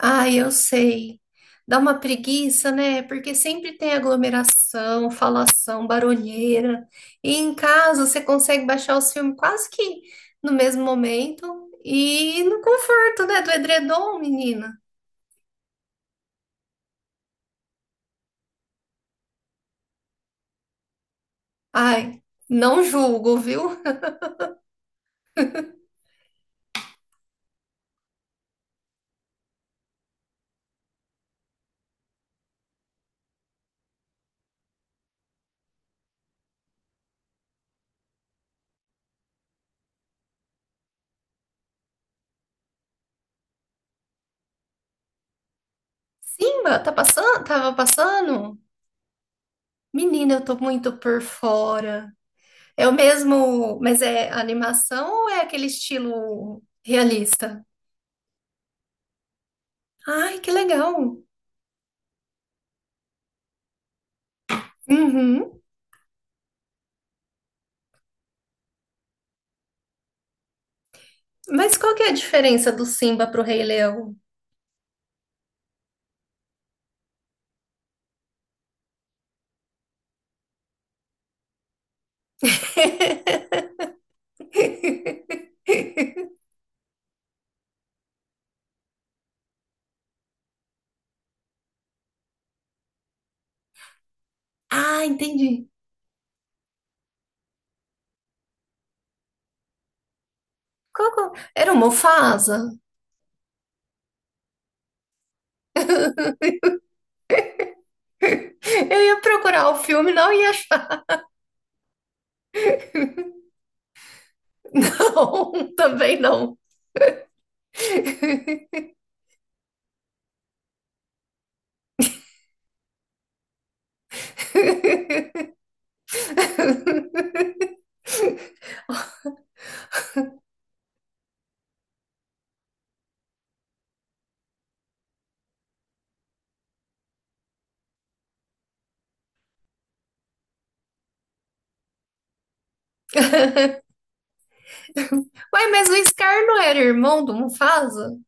Ah, eu sei. Dá uma preguiça, né? Porque sempre tem aglomeração, falação, barulheira. E em casa você consegue baixar os filmes quase que no mesmo momento e no conforto, né? Do edredom, menina. Ai, não julgo, viu? Simba, tá passando? Tava passando? Menina, eu tô muito por fora. É o mesmo, mas é animação ou é aquele estilo realista? Ai, que legal. Uhum. Mas qual que é a diferença do Simba pro Rei Leão? Ah, entendi. Era o Mufasa? Eu ia procurar o filme, não ia achar. Não, também não. Ué, mas o Scar não era irmão do Mufasa?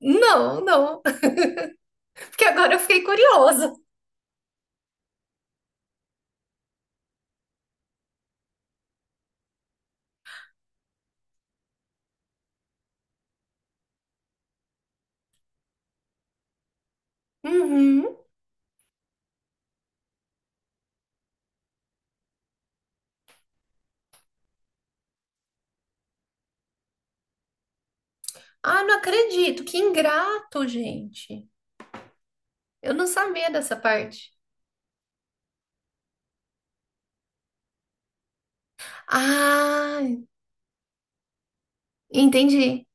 Não, não. Porque agora eu fiquei curiosa. Uhum. Ah, não acredito. Que ingrato, gente. Eu não sabia dessa parte. Ah, entendi.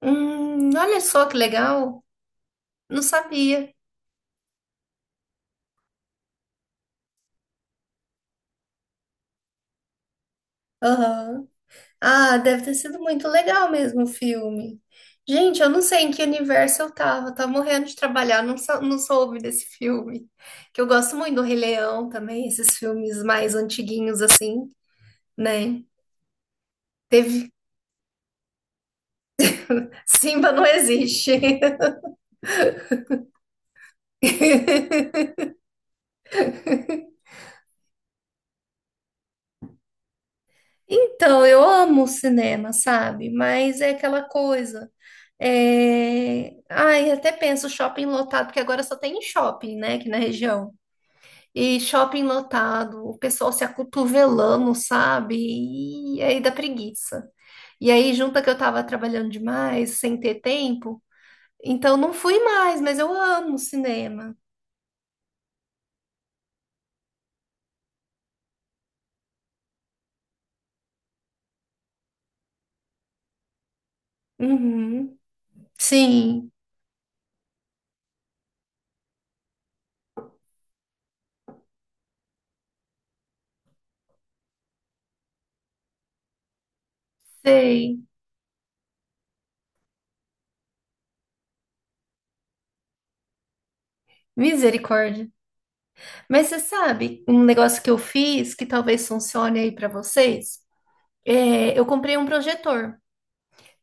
Olha só que legal. Não sabia. Aham. Ah, deve ter sido muito legal mesmo o filme. Gente, eu não sei em que universo eu tava. Eu tava morrendo de trabalhar, não soube desse filme. Que eu gosto muito do Rei Leão também, esses filmes mais antiguinhos assim, né? Teve. Simba não existe. Então, eu amo o cinema, sabe? Mas é aquela coisa. Ai, até penso shopping lotado, porque agora só tem em shopping, né, aqui na região. E shopping lotado, o pessoal se acotovelando, sabe? E aí dá preguiça. E aí, junta que eu tava trabalhando demais, sem ter tempo, então não fui mais, mas eu amo cinema. Uhum. Sim, sei. Misericórdia. Mas você sabe, um negócio que eu fiz que talvez funcione aí para vocês, é, eu comprei um projetor,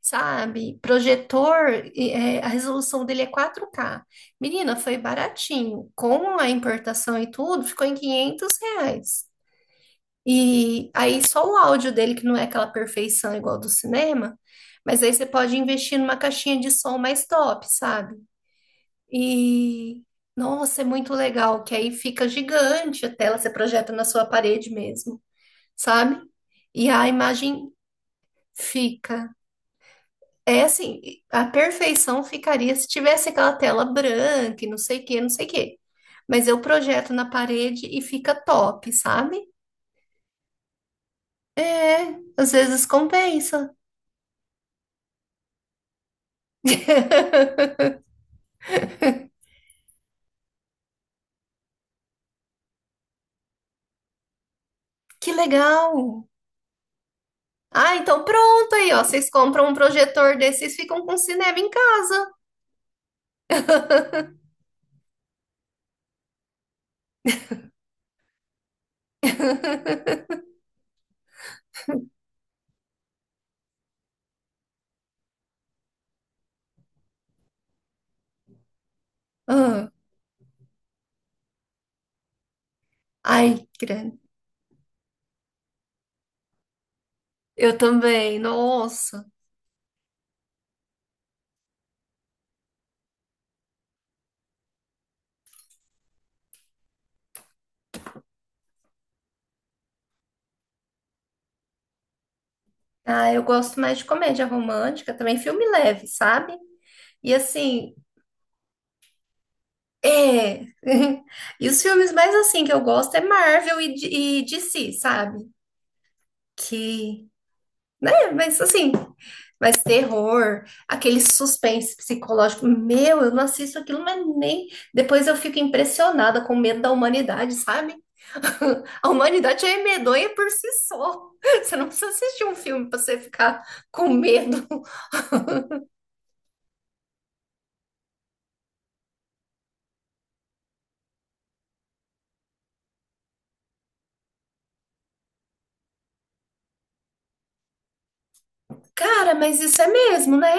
sabe? Projetor, a resolução dele é 4K. Menina, foi baratinho. Com a importação e tudo, ficou em R$ 500. E aí só o áudio dele, que não é aquela perfeição igual do cinema, mas aí você pode investir numa caixinha de som mais top, sabe? E nossa, é muito legal, que aí fica gigante a tela, você projeta na sua parede mesmo, sabe? E a imagem fica. É assim, a perfeição ficaria se tivesse aquela tela branca e não sei o que, não sei o que. Mas eu projeto na parede e fica top, sabe? É, às vezes compensa. Que legal! Ah, então pronto aí, ó. Vocês compram um projetor desses e ficam com cinema em casa. Ah. Ai, grande. Eu também, nossa. Ah, eu gosto mais de comédia romântica, também filme leve, sabe? E assim, é. E os filmes mais assim que eu gosto é Marvel e DC, sabe? Que, né? Mas assim, mais terror, aquele suspense psicológico. Meu, eu não assisto aquilo, mas nem. Depois eu fico impressionada com o medo da humanidade, sabe? A humanidade é medonha por si só. Você não precisa assistir um filme pra você ficar com medo. Cara, mas isso é mesmo, né?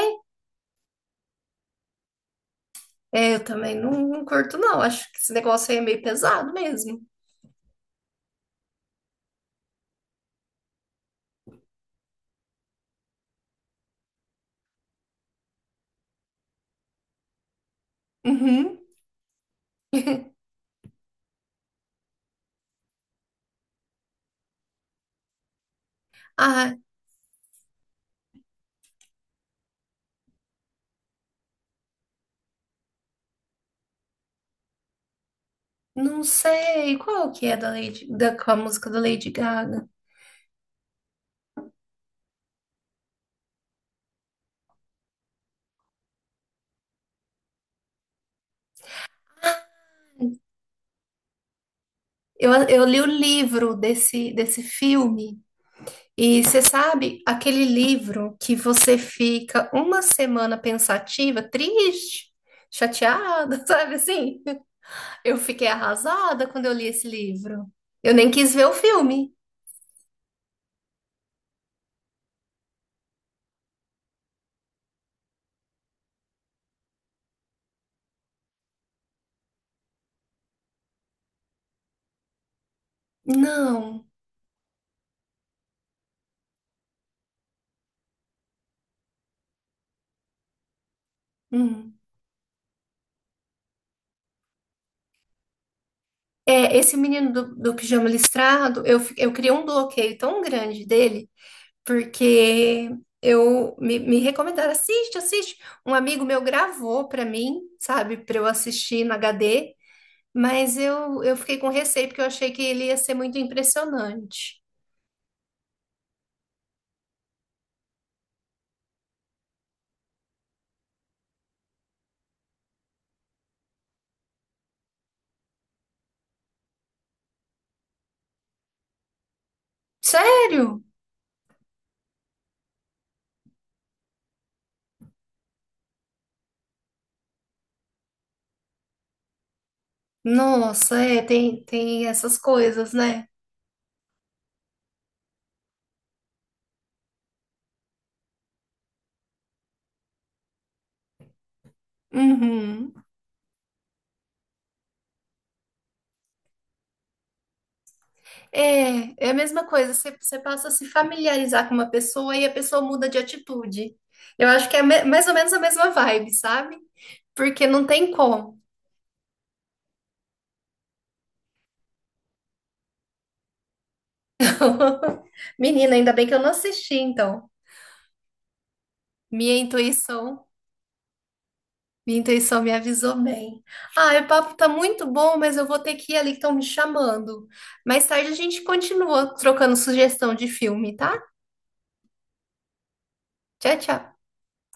É, eu também não, curto, não. Acho que esse negócio aí é meio pesado mesmo. Uhum. Ah, não sei. Qual que é da com a música da Lady Gaga? Eu li o livro desse filme, e você sabe aquele livro que você fica uma semana pensativa, triste, chateada, sabe assim? Eu fiquei arrasada quando eu li esse livro. Eu nem quis ver o filme. Não. Hum. É, esse menino do pijama listrado, eu criei um bloqueio tão grande dele, porque me recomendaram, assiste, assiste. Um amigo meu gravou para mim, sabe, para eu assistir no HD, mas eu fiquei com receio porque eu achei que ele ia ser muito impressionante. Sério? Nossa, é, tem essas coisas, né? Uhum. É, é a mesma coisa, você passa a se familiarizar com uma pessoa e a pessoa muda de atitude. Eu acho que é mais ou menos a mesma vibe, sabe? Porque não tem como. Menina, ainda bem que eu não assisti, então. Minha intuição, minha intuição me avisou bem. Ah, o papo tá muito bom, mas eu vou ter que ir ali que estão me chamando. Mais tarde a gente continua trocando sugestão de filme, tá? Tchau, tchau.